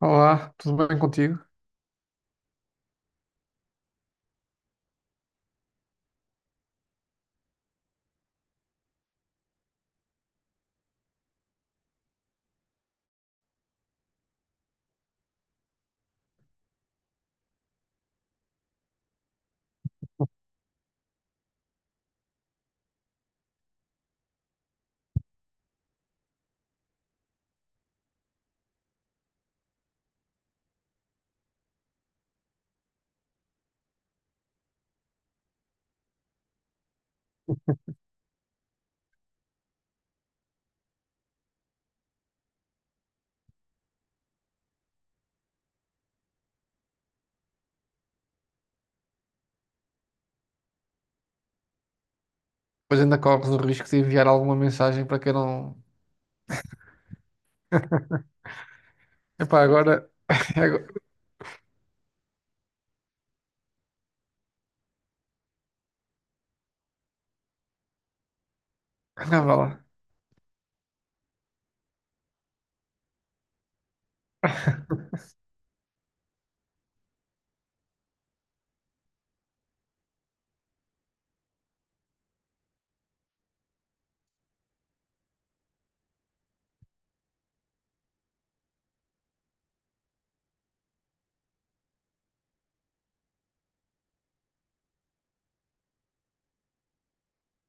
Olá, tudo bem contigo? Pois ainda corres o risco de enviar alguma mensagem para quem não. Epá, agora. agora- Não, vá lá.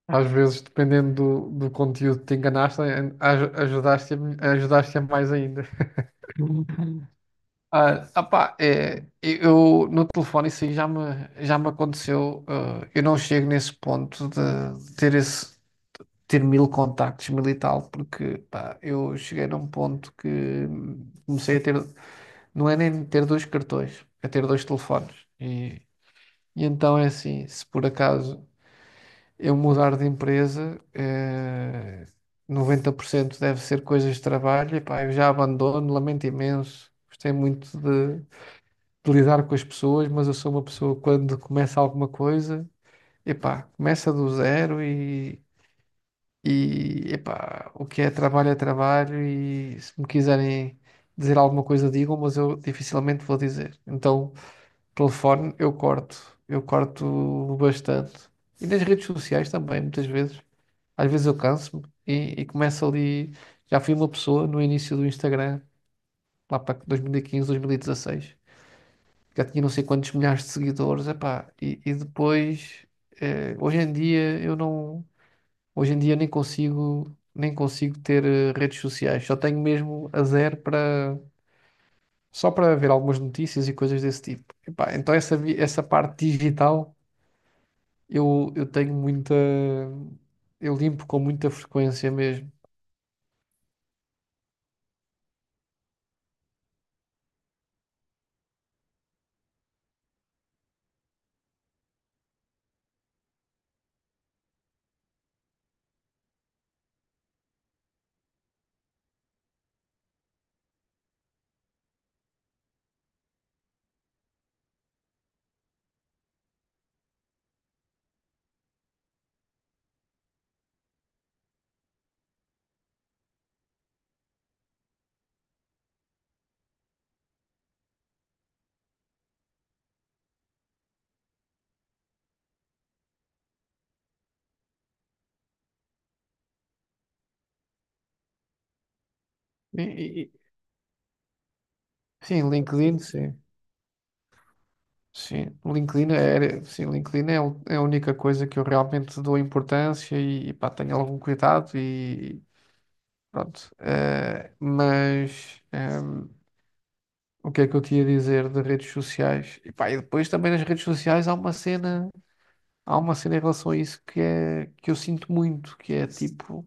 Às vezes, dependendo do conteúdo que te enganaste, ajudaste, ajudaste mais ainda. Ah, opá, é, eu no telefone isso já me aconteceu. Eu não chego nesse ponto de ter ter mil contactos, mil e tal, porque pá, eu cheguei num ponto que comecei a ter. Não é nem ter dois cartões, é ter dois telefones. E então é assim, se por acaso eu mudar de empresa, 90% deve ser coisas de trabalho, e pá, eu já abandono, lamento imenso. Gostei muito de lidar com as pessoas, mas eu sou uma pessoa que quando começa alguma coisa, epá, começa do zero e epá, o que é trabalho e se me quiserem dizer alguma coisa digam, mas eu dificilmente vou dizer. Então telefone eu corto, eu corto bastante. E nas redes sociais também, muitas vezes. Às vezes eu canso-me e começo ali. Já fui uma pessoa no início do Instagram, lá para 2015, 2016, já tinha não sei quantos milhares de seguidores, epá, e depois, eh, hoje em dia eu não, hoje em dia nem nem consigo ter redes sociais, só tenho mesmo a zero, só para ver algumas notícias e coisas desse tipo. Epá, então essa parte digital eu tenho muita. Eu limpo com muita frequência mesmo. E- e- e- sim, LinkedIn, sim. Sim, LinkedIn é, é a única coisa que eu realmente dou importância e, pá, tenho algum cuidado e pronto. O que é que eu tinha a dizer de redes sociais? E, pá, e depois também nas redes sociais há uma cena em relação a isso que é que eu sinto muito, que é tipo.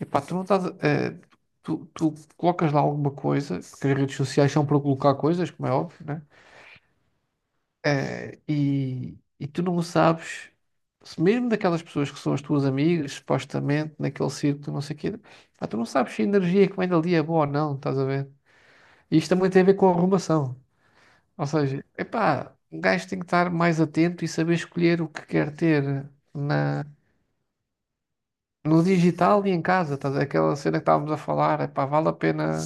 Epá, tu não estás. Tu colocas lá alguma coisa, porque as redes sociais são para colocar coisas, como é óbvio, né? E tu não sabes, se mesmo daquelas pessoas que são as tuas amigas, supostamente, naquele círculo, não sei o quê, pá, tu não sabes se a energia que vem dali é boa ou não, estás a ver? E isto também tem a ver com a arrumação. Ou seja, epá, um gajo tem que estar mais atento e saber escolher o que quer ter na, no digital e em casa, estás a ver? Aquela cena que estávamos a falar, epá, vale a pena.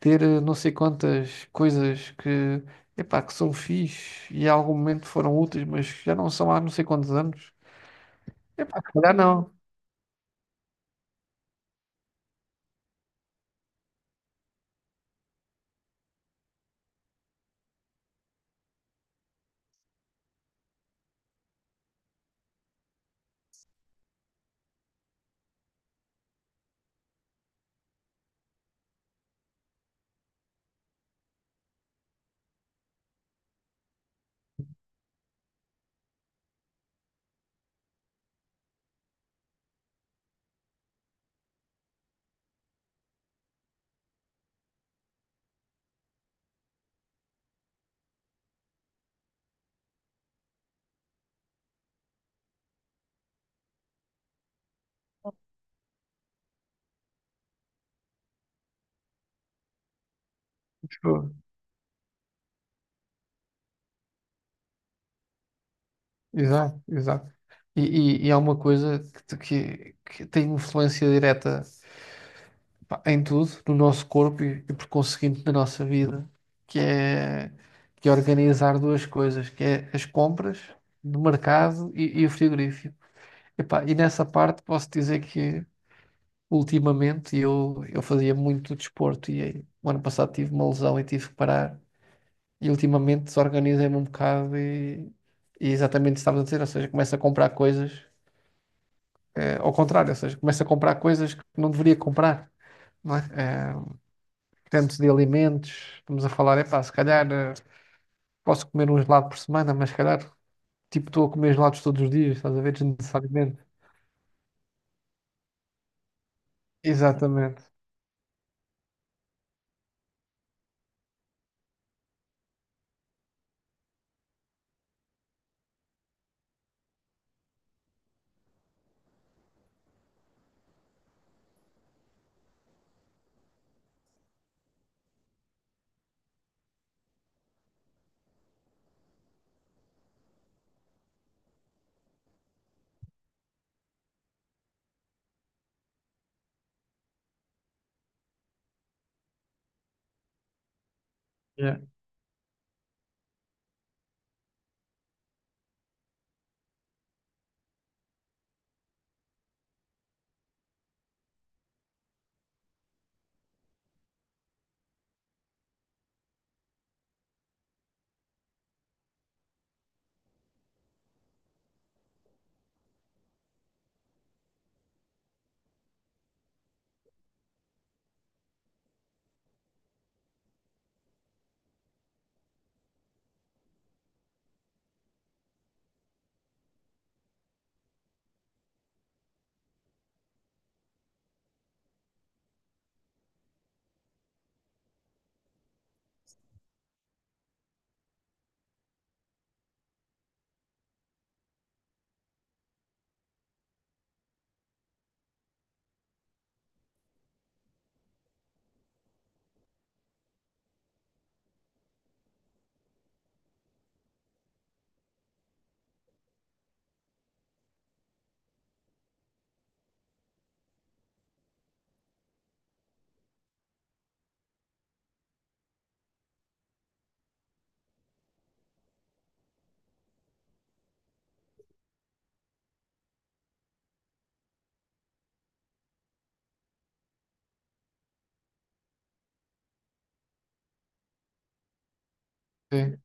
Ter não sei quantas coisas que, epá, que são fixe e em algum momento foram úteis, mas já não são há não sei quantos anos. Epá, se calhar não. Tipo, exato, exato. E, e é uma coisa que, que tem influência direta, pá, em tudo, no nosso corpo e por conseguinte na nossa vida, que é, que é organizar duas coisas, que é as compras do mercado e o frigorífico. Epá, e nessa parte posso dizer que ultimamente eu fazia muito desporto e o ano passado tive uma lesão e tive que parar. E ultimamente desorganizei-me um bocado, e exatamente isso que estavas a dizer, ou seja, começo a comprar coisas ao contrário, ou seja, começo a comprar coisas que não deveria comprar, não é? Tanto de alimentos, estamos a falar, epá, se calhar posso comer um gelado por semana, mas se calhar tipo estou a comer gelados todos os dias, estás a ver, desnecessariamente. Exatamente. Yeah. Sim,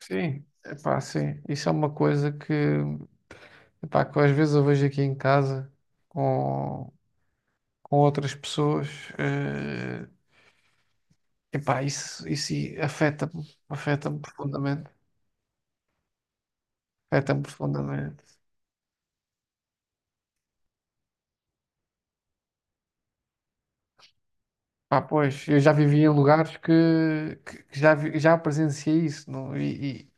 sim, epá, sim. Isso é uma coisa que epá, que às vezes eu vejo aqui em casa com, com outras pessoas, eh, epá, isso afeta-me, afeta-me profundamente, afeta-me profundamente. Pá, pois, eu já vivi em lugares que já presenciei isso, não?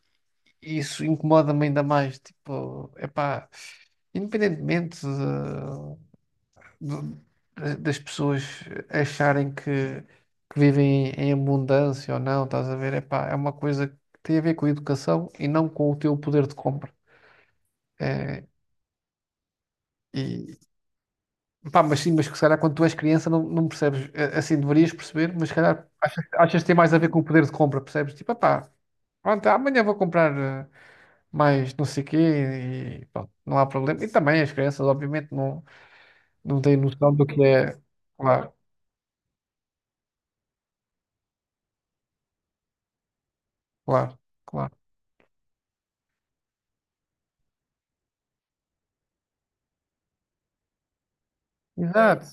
E isso incomoda-me ainda mais, tipo, epá, independentemente do- das pessoas acharem que vivem em abundância ou não, estás a ver? Epá, é uma coisa que tem a ver com a educação e não com o teu poder de compra. É, e, pá, mas sim, mas que se calhar quando tu és criança não percebes. É, assim deverias perceber, mas se calhar achas que tem mais a ver com o poder de compra, percebes? Tipo, pá, pronto, amanhã vou comprar mais não sei quê e pronto, não há problema. E também as crianças, obviamente, não têm noção do que é. Claro, claro, claro. Exato.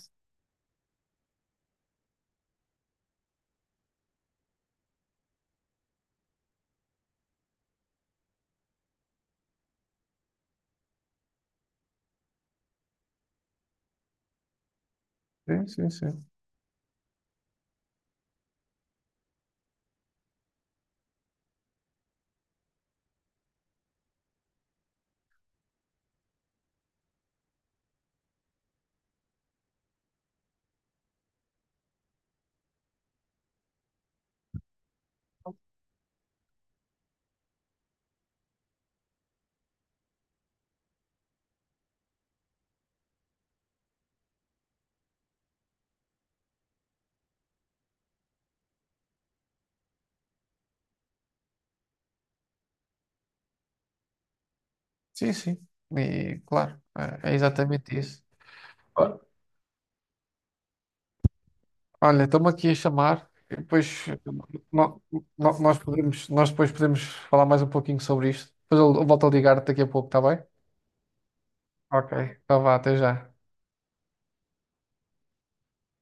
Sim, sim, sim. Sim, sim. E claro, é é exatamente isso. Ó, olha, estão-me aqui a chamar. E depois no- no- nós podemos, nós depois podemos falar mais um pouquinho sobre isto. Depois eu volto a ligar daqui a pouco, está bem? Ok. Então vá, até já.